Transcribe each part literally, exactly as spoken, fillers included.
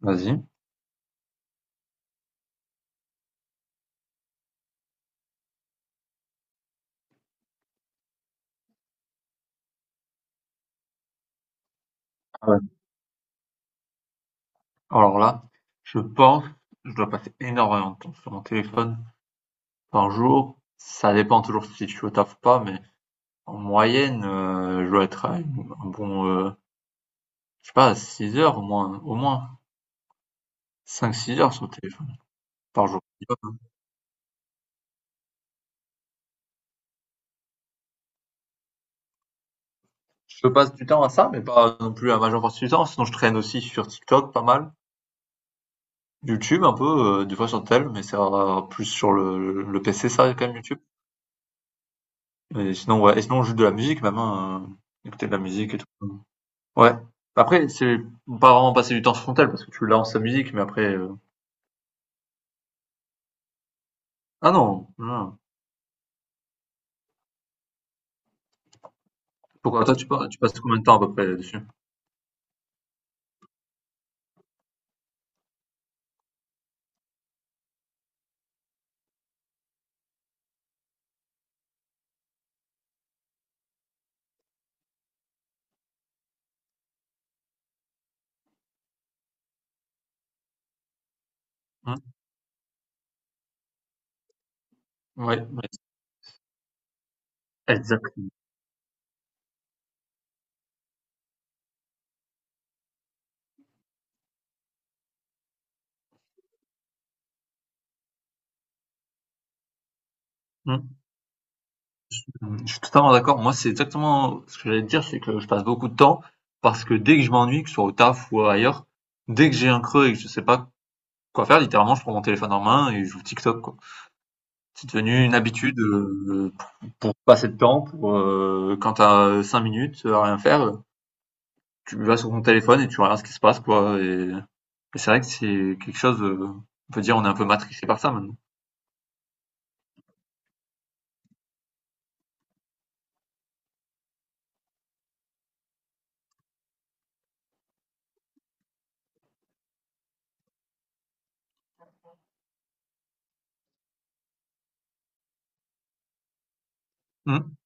Vas-y. Ah ouais. Alors là, je pense, je dois passer énormément de temps sur mon téléphone par jour. Ça dépend toujours si je suis au taf ou pas, mais en moyenne, euh, je dois être à une- un bon, euh, je sais pas, six heures au moins, au moins cinq six heures sur le téléphone par jour. Je passe du temps à ça, mais pas non plus à la majeure partie du temps. Sinon, je traîne aussi sur TikTok pas mal. YouTube un peu, euh, des fois sur tel, mais c'est va plus sur le, le P C, ça, quand même, YouTube. Et sinon, ouais. Et sinon, juste de la musique, même, hein, euh, écouter de la musique et tout. Ouais. Après, c'est pas vraiment passer du temps sur son parce que tu lances la musique, mais après, heu ah non, non. Pourquoi toi tu pa tu passes combien de temps à peu près dessus? Mmh. Ouais, ouais, exact. Mmh. Mmh. Je suis totalement d'accord. Moi, c'est exactement ce que j'allais te dire, c'est que je passe beaucoup de temps parce que dès que je m'ennuie, que ce soit au taf ou ailleurs, dès que j'ai un creux et que je sais pas quoi faire, littéralement, je prends mon téléphone en main et je joue TikTok, quoi. C'est devenu une habitude, heu, pour passer le temps, pour, heu, quand tu cinq minutes à rien faire, tu vas sur ton téléphone et tu regardes ce qui se passe, quoi, et et c'est vrai que c'est quelque chose, heu, on peut dire on est un peu matrixé par ça maintenant. Mmh.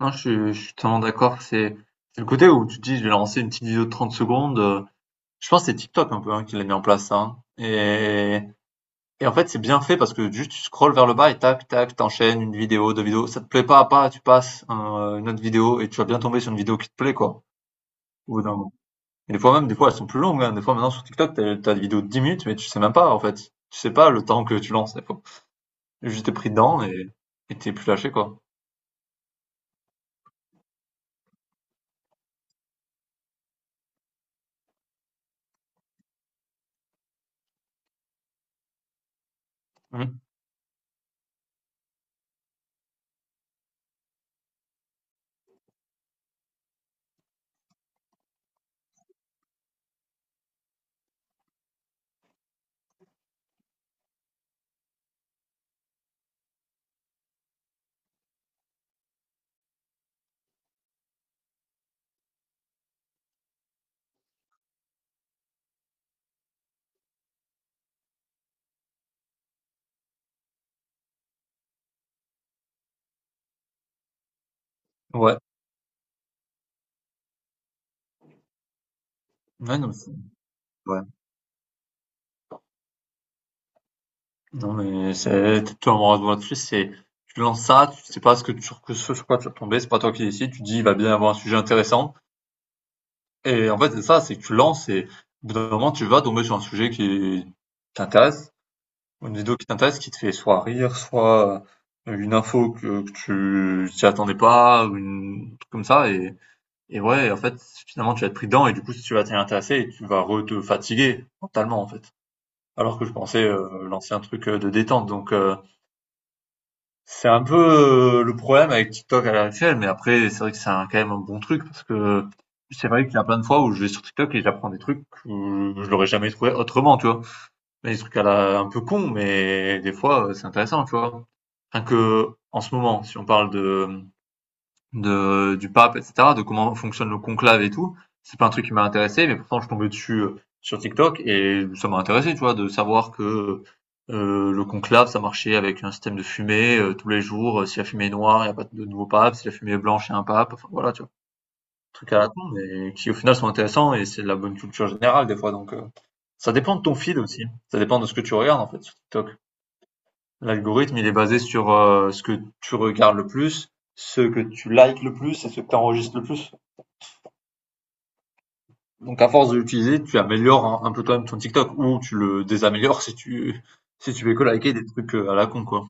Non, je suis je suis totalement d'accord, c'est c'est le côté où tu te dis: «Je vais lancer une petite vidéo de trente secondes», heu, je pense que c'est TikTok un peu, hein, qui l'a mis en place ça, hein, et et en fait, c'est bien fait parce que juste tu scrolles vers le bas et tac, tac, t'enchaînes une vidéo, deux vidéos, ça te plaît pas, pas tu passes un, une autre vidéo et tu vas bien tomber sur une vidéo qui te plaît, quoi, au bout d'un. Et des fois même, des fois elles sont plus longues, hein. Des fois maintenant sur TikTok, t'as t'as des vidéos de dix minutes, mais tu sais même pas en fait. Tu sais pas le temps que tu lances des fois. Juste t'es pris dedans et et t'es plus lâché quoi. Mmh. Ouais. Ouais, non, mais c'est ouais. Non, mais c'est tout un moment de là, c'est tu lances ça, tu sais pas ce que tu sur que ce sur quoi tu vas tomber, c'est pas toi qui décides, tu dis il va bien y avoir un sujet intéressant. Et en fait c'est ça, c'est que tu lances et au bout d'un moment tu vas tomber sur un sujet qui t'intéresse. Une vidéo qui t'intéresse, qui te fait soit rire, soit euh, une info que, que tu t'y attendais pas, ou une, un truc comme ça, et, et ouais, en fait, finalement, tu vas être pris dedans, et du coup, si tu vas t'y intéresser, et tu vas re te fatiguer, mentalement, en fait. Alors que je pensais euh, lancer un truc euh, de détente, donc euh, c'est un peu euh, le problème avec TikTok à l'heure actuelle, mais après, c'est vrai que c'est un- quand même un bon truc, parce que c'est vrai qu'il y a plein de fois où je vais sur TikTok et j'apprends des trucs où je l'aurais jamais trouvé autrement, tu vois. Mais des trucs à la, un peu cons mais des fois, euh, c'est intéressant, tu vois, enfin que en ce moment, si on parle de, de du pape, et cetera, de comment fonctionne le conclave et tout, c'est pas un truc qui m'a intéressé, mais pourtant je tombais dessus euh, sur TikTok et ça m'a intéressé, tu vois, de savoir que euh, le conclave, ça marchait avec un système de fumée euh, tous les jours. Euh, si la fumée est noire, il n'y a pas de nouveau pape. Si la fumée est blanche, il y a un pape. Enfin voilà, tu vois, trucs à la con, mais qui au final sont intéressants et c'est de la bonne culture générale des fois. Donc euh, ça dépend de ton feed aussi, hein. Ça dépend de ce que tu regardes en fait sur TikTok. L'algorithme, il est basé sur, heu, ce que tu regardes le plus, ce que tu likes le plus et ce que tu enregistres le plus. Donc à force de l'utiliser, tu améliores un un peu toi-même ton TikTok ou tu le désaméliores si tu si tu fais que liker des trucs, heu, à la con, quoi.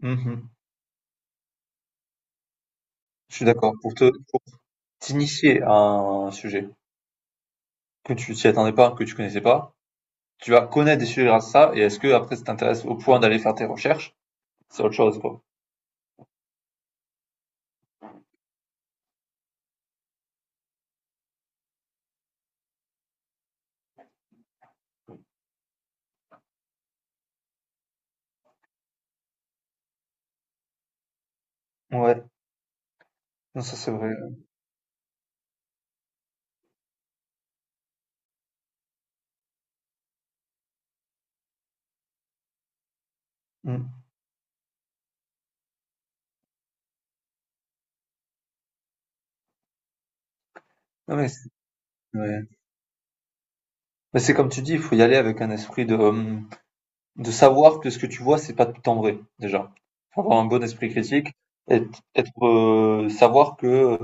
Mmh. Je suis d'accord. Pour te pour t'initier à un sujet que tu t'y attendais pas, que tu connaissais pas, tu vas connaître des sujets grâce à ça et est-ce que après ça t'intéresse au point d'aller faire tes recherches? C'est autre chose, quoi. Ouais, non, ça c'est vrai. Mmh. Non mais c'est ouais. Mais c'est comme tu dis, il faut y aller avec un esprit de, hem de savoir que ce que tu vois, c'est pas tout le temps vrai, déjà. Faut avoir un bon esprit critique, être, être, euh, savoir que euh,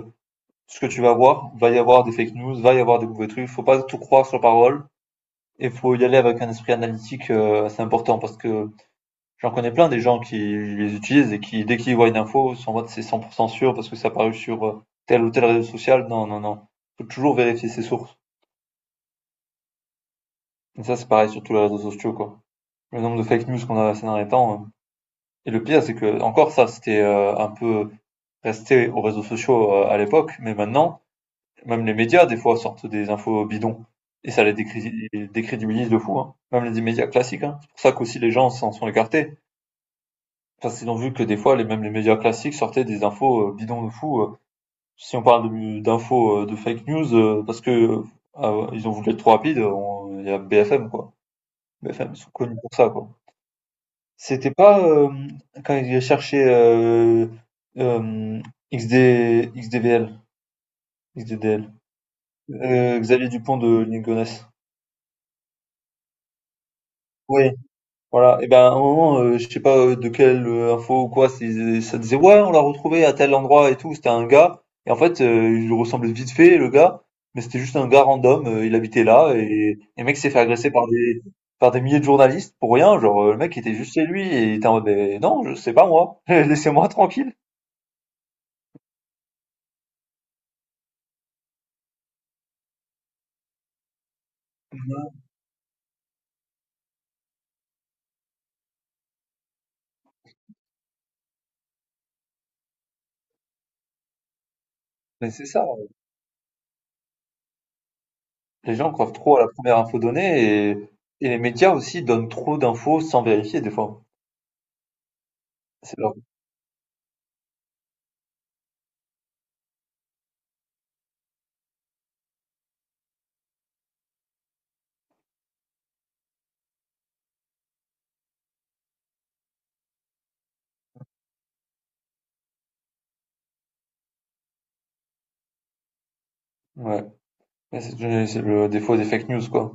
ce que tu vas voir, va y avoir des fake news, va y avoir des mauvais trucs, faut pas tout croire sur parole, et faut y aller avec un esprit analytique euh, assez important, parce que j'en connais plein des gens qui les utilisent et qui, dès qu'ils voient une info, sont en mode c'est cent pour cent sûr parce que ça a paru sur euh, tel ou tel réseau social. Non, non, non. Faut toujours vérifier ses sources. Et ça, c'est pareil sur tous les réseaux sociaux, quoi. Le nombre de fake news qu'on a ces derniers temps, euh. Et le pire, c'est que encore ça, c'était euh, un peu resté aux réseaux sociaux euh, à l'époque, mais maintenant, même les médias, des fois, sortent des infos bidons. Et ça les décré- les décrédibilise de fou, hein. Même les médias classiques, hein. C'est pour ça qu'aussi les gens s'en sont écartés. Parce qu'ils ont vu que des fois, les, même les médias classiques sortaient des infos euh, bidons de fou. euh. Si on parle de- d'infos euh, de fake news, euh, parce que euh, ils ont voulu être trop rapides, on- il y a B F M, quoi. B F M, ils sont connus pour ça, quoi. C'était pas, hem, quand il cherchait, heu, hem, X D X D V L, X D D L, heu, Xavier Dupont de Ligonnès. Oui, voilà, et ben, à un moment, heu, je sais pas, heu, de quelle, heu, info ou quoi, c'est ça disait: «Ouais, on l'a retrouvé à tel endroit et tout». C'était un gars, et en fait, heu, il lui ressemblait vite fait le gars, mais c'était juste un gars random, heu, il habitait là, et et le mec s'est fait agresser par des par des milliers de journalistes pour rien, genre, heu, le mec était juste chez lui et il était en mode: «Beh, non, je c'est pas moi, laissez-moi tranquille». Mais c'est ça, les gens croient trop à la première info donnée, et, et les médias aussi donnent trop d'infos sans vérifier des fois. C'est leur... Ouais. Mais C'est c'est le défaut des fake news, quoi.